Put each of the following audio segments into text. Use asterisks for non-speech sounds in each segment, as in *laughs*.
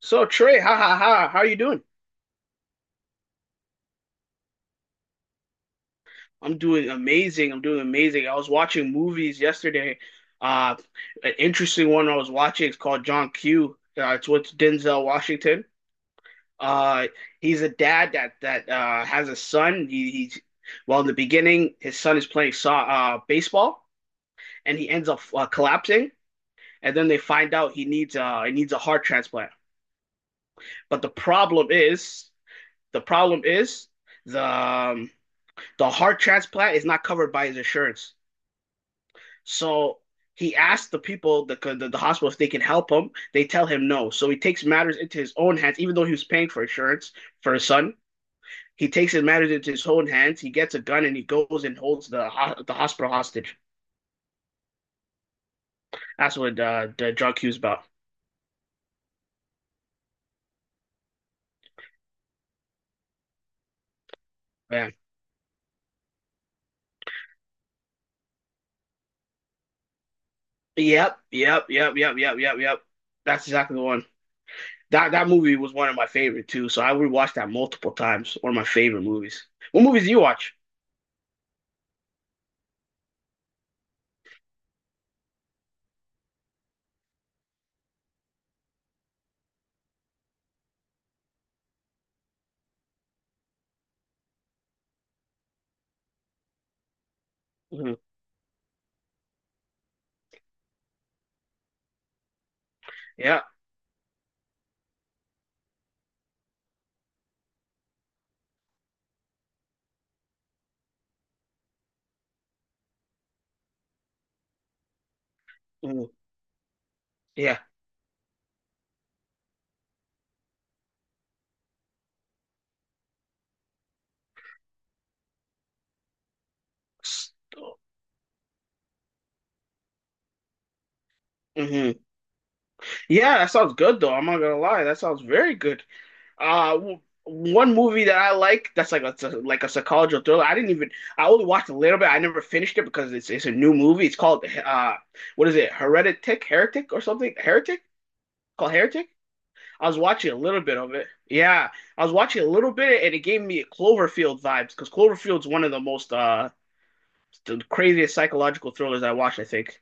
So Trey, ha ha ha, how are you doing? I'm doing amazing. I'm doing amazing. I was watching movies yesterday. Uh, an interesting one I was watching is called John Q. It's with Denzel Washington. Uh, he's a dad that has a son. He's well in the beginning, his son is playing baseball, and he ends up collapsing. And then they find out he needs a heart transplant. But the problem is, the problem is the um, the heart transplant is not covered by his insurance. So he asked the people, the hospital, if they can help him. They tell him no. So he takes matters into his own hands, even though he was paying for insurance for his son. He takes his matters into his own hands. He gets a gun and he goes and holds the hospital hostage. That's what the drug cue's about. Yeah. Yep. Yep. Yep. Yep. Yep. Yep. Yep. That's exactly the one. That movie was one of my favorite too. So I rewatched that multiple times. One of my favorite movies. What movies do you watch? Mhm. Yeah. Mhm. Yeah. Hmm. Yeah, that sounds good though. I'm not gonna lie, that sounds very good. One movie that I like that's like it's a like a psychological thriller. I didn't even I only watched a little bit. I never finished it because it's a new movie. It's called what is it? Heretic, Heretic or something? Heretic? Called Heretic? I was watching a little bit of it. Yeah, I was watching a little bit and it gave me Cloverfield vibes because Cloverfield's one of the craziest psychological thrillers I watched, I think.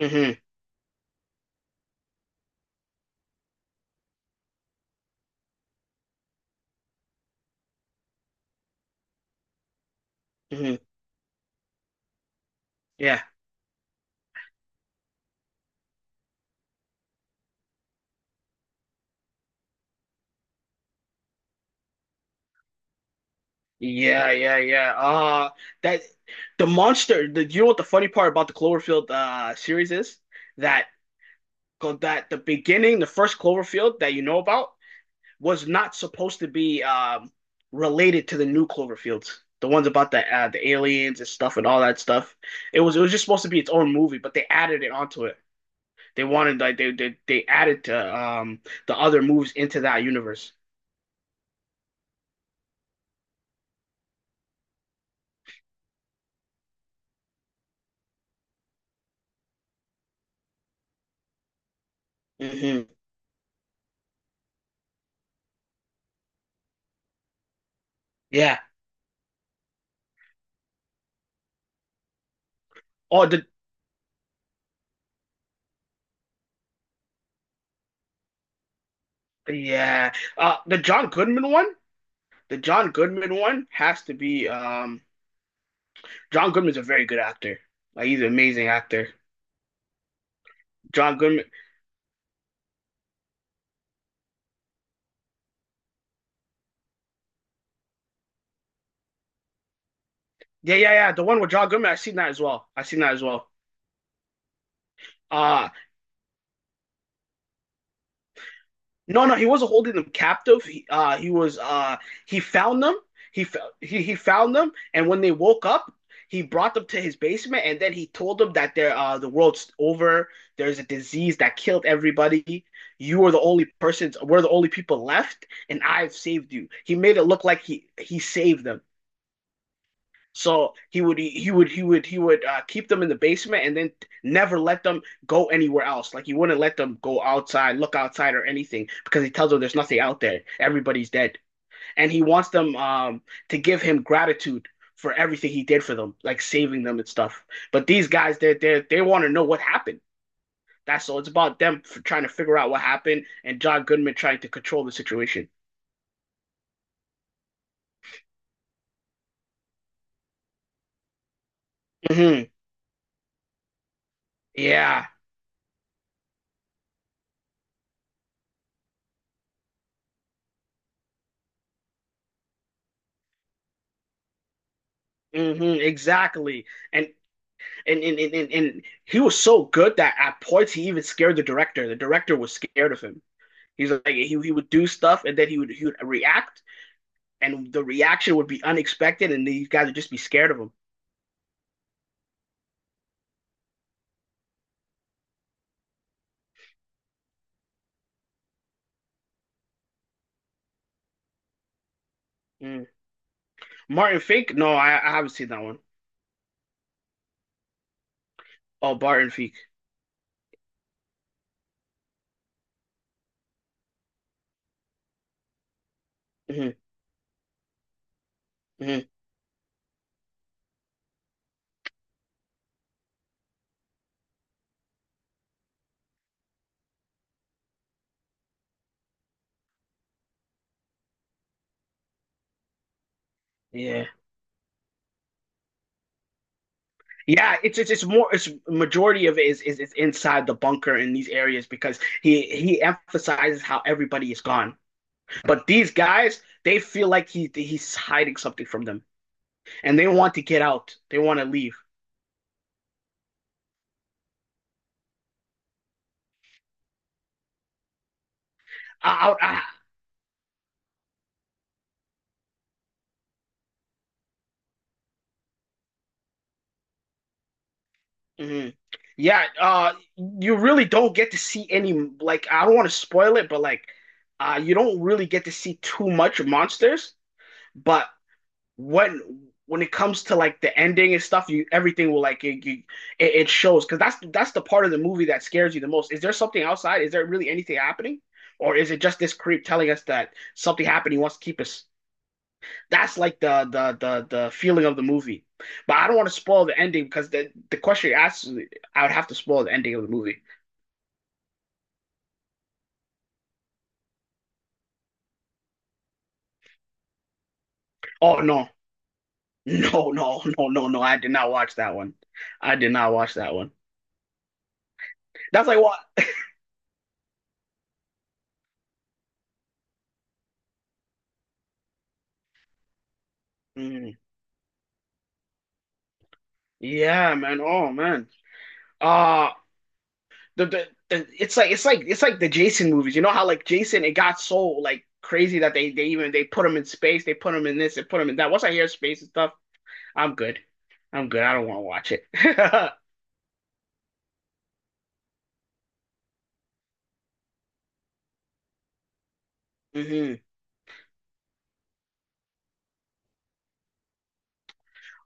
Hmm. Hmm. Yeah. Yeah, yeah, yeah. That the monster, the you know what the funny part about the Cloverfield series is? That that the beginning, the first Cloverfield that you know about was not supposed to be related to the new Cloverfields. The ones about the aliens and stuff and all that stuff. It was just supposed to be its own movie, but they added it onto it. They wanted like they added to the other movies into that universe. Hmm. Yeah. Oh, the yeah. The John Goodman one? The John Goodman one has to be John Goodman's a very good actor. Like he's an amazing actor. John Goodman. Yeah, yeah, yeah. The one with John Goodman, I seen that as well. I seen that as well. Uh No, no, he wasn't holding them captive. He was. He found them. He found them, and when they woke up, he brought them to his basement, and then he told them that the world's over. There's a disease that killed everybody. You are the only persons. We're the only people left, and I've saved you. He made it look like he saved them. So he would keep them in the basement and then never let them go anywhere else. Like he wouldn't let them go outside, look outside or anything because he tells them there's nothing out there. Everybody's dead. And he wants them to give him gratitude for everything he did for them, like saving them and stuff. But these guys they want to know what happened. That's all. It's about them f trying to figure out what happened and John Goodman trying to control the situation. Hmm. Yeah. Hmm. Exactly. And And, and, and, and, he was so good that at points he even scared the director. The director was scared of him. He would do stuff and then he would react and the reaction would be unexpected and these guys would just be scared of him. Mm. Martin Fink? No, I haven't seen that one. Oh, Barton Fink. Mm-hmm, mm-hmm. Yeah, yeah. It's more. It's majority of it is it's inside the bunker in these areas because he emphasizes how everybody is gone. But these guys, they feel like he's hiding something from them, and they want to get out. They want to leave. Out. Ah, mhm. Yeah. You really don't get to see any. Like, I don't want to spoil it, but like, you don't really get to see too much monsters. But when when it comes to like the ending and stuff, you everything will like it you, it shows because that's the part of the movie that scares you the most. Is there something outside? Is there really anything happening, or is it just this creep telling us that something happened? He wants to keep us That's the feeling of the movie. But I don't want to spoil the ending because the question you asked, I would have to spoil the ending of the movie. Oh no! I did not watch that one. I did not watch that one. That's like what? Mm, yeah, man. Oh man. Uh the it's like it's like the Jason movies. You know how like Jason, it got so like crazy that they put him in space, they put him in this, they put him in that. Once I hear space and stuff, I'm good. I'm good. I don't want to watch it. *laughs* Hmm.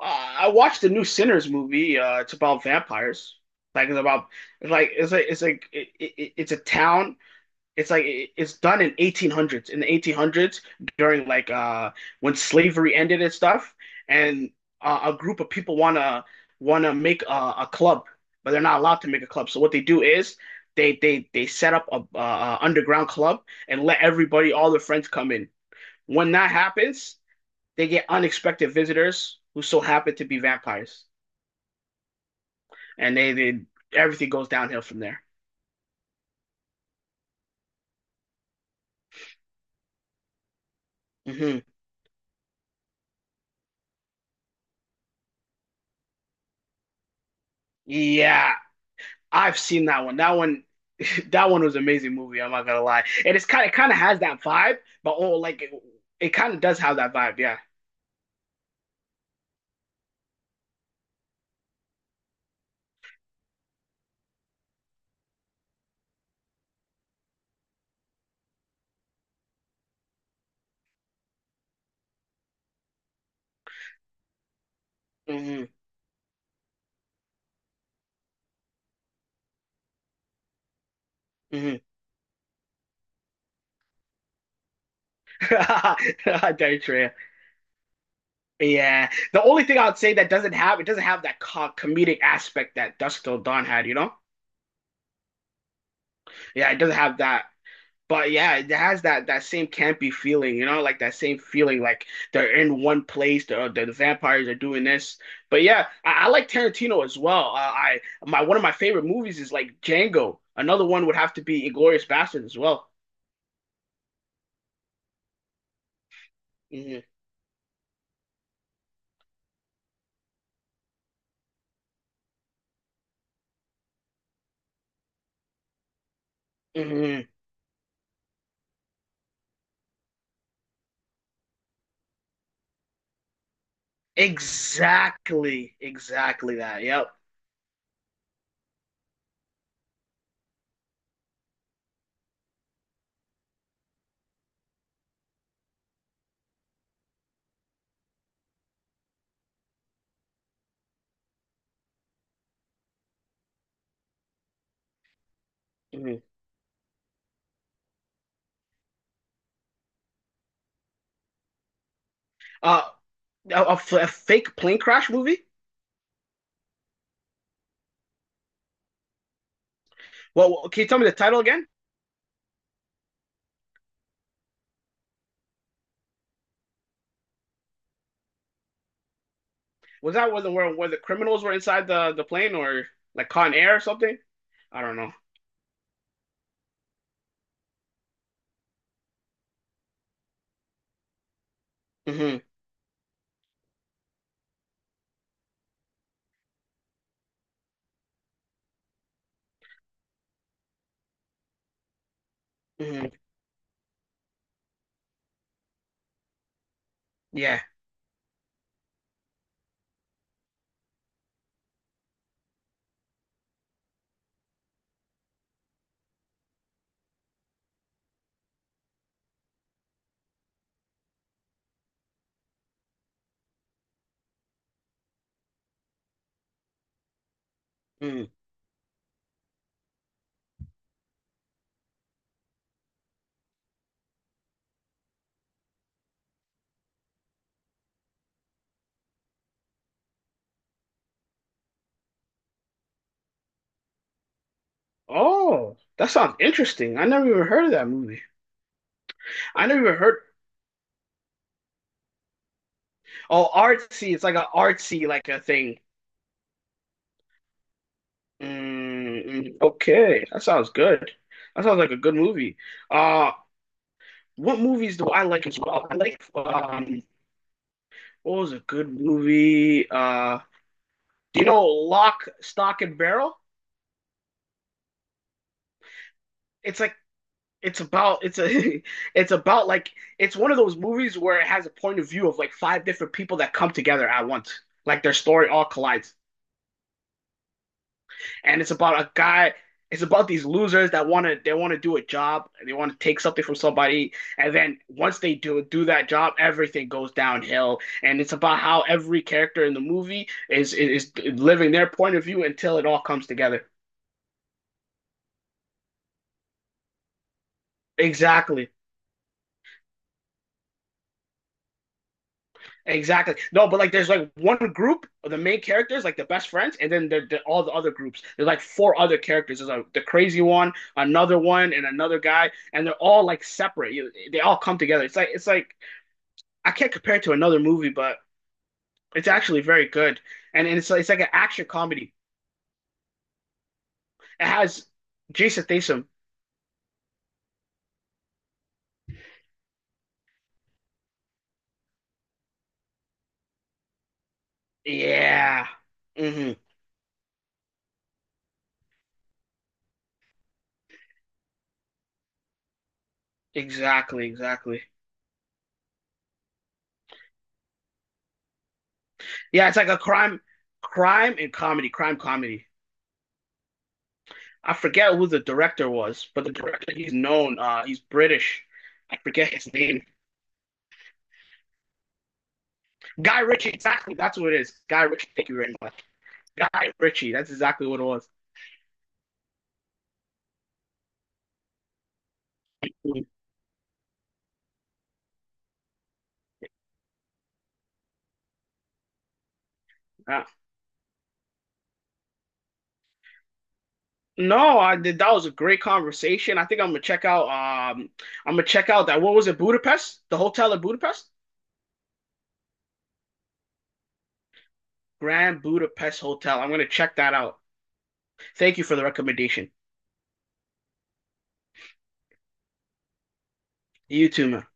Uh, I watched the new Sinners movie. It's about vampires. Like it's about it's a town. It's done in 1800s in the 1800s during when slavery ended and stuff. And a group of people wanna make a club, but they're not allowed to make a club. So what they do is they set up a underground club and let everybody all their friends come in. When that happens they get unexpected visitors who so happen to be vampires, and they everything goes downhill from there. Hmm. Yeah, I've seen that one. That one, *laughs* that one was an amazing movie. I'm not gonna lie, and it's kind of has that vibe, but oh, it kind of does have that vibe. Yeah. Mm hmm. Mm hmm. *laughs* Very true. Yeah. The only thing I would say that doesn't have it doesn't have that co comedic aspect that Dusk Till Dawn had. You know? Yeah, it doesn't have that But yeah, it has that that same campy feeling, you know, like that same feeling, like they're in one place, the vampires are doing this. But yeah, I like Tarantino as well. I My one of my favorite movies is like Django. Another one would have to be Inglorious Bastards as well. Hmm. Hmm. Exactly, exactly that. Yep. Hmm. Uh, a fake plane crash movie? Well, can you tell me the title again? Was that one where the criminals were inside the plane or like Con Air or something? I don't know. Mhm. Mm, yeah. Mm. Oh, that sounds interesting. I never even heard of that movie. I never even heard. Oh, artsy. It's like an artsy like a thing. Mm, mm, okay, that sounds good. That sounds like a good movie. Uh, what movies do I like as well? I like what was a good movie? Do you know Lock, Stock and Barrel? It's like it's about it's a *laughs* it's about like it's one of those movies where it has a point of view of like five different people that come together at once. Like their story all collides. And it's about a guy it's about these losers that want to they want to do a job, and they want to take something from somebody, and then once they do that job, everything goes downhill. And it's about how every character in the movie is living their point of view until it all comes together. Exactly. Exactly. No, but like there's like one group of the main characters, like the best friends, and then all the other groups. There's like four other characters. There's like the crazy one, another one, and another guy, and they're all like separate. You- They all come together. It's like I can't compare it to another movie, but it's actually very good. And it's like an action comedy. It has Jason Statham. Yeah. Hmm. Exactly, exactly. Yeah, it's like a crime crime and comedy, crime comedy. I forget who the director was, but the director he's known. He's British. I forget his name. Guy Ritchie. Exactly. That's what it is. Guy Ritchie. Thank you very much. Guy Ritchie. That's exactly what it was. Uh, no, I did. That was a great conversation. I think I'm gonna check out. I'm gonna check out that. What was it? Budapest? The hotel in Budapest? Grand Budapest Hotel. I'm gonna check that out. Thank you for the recommendation. You too, man.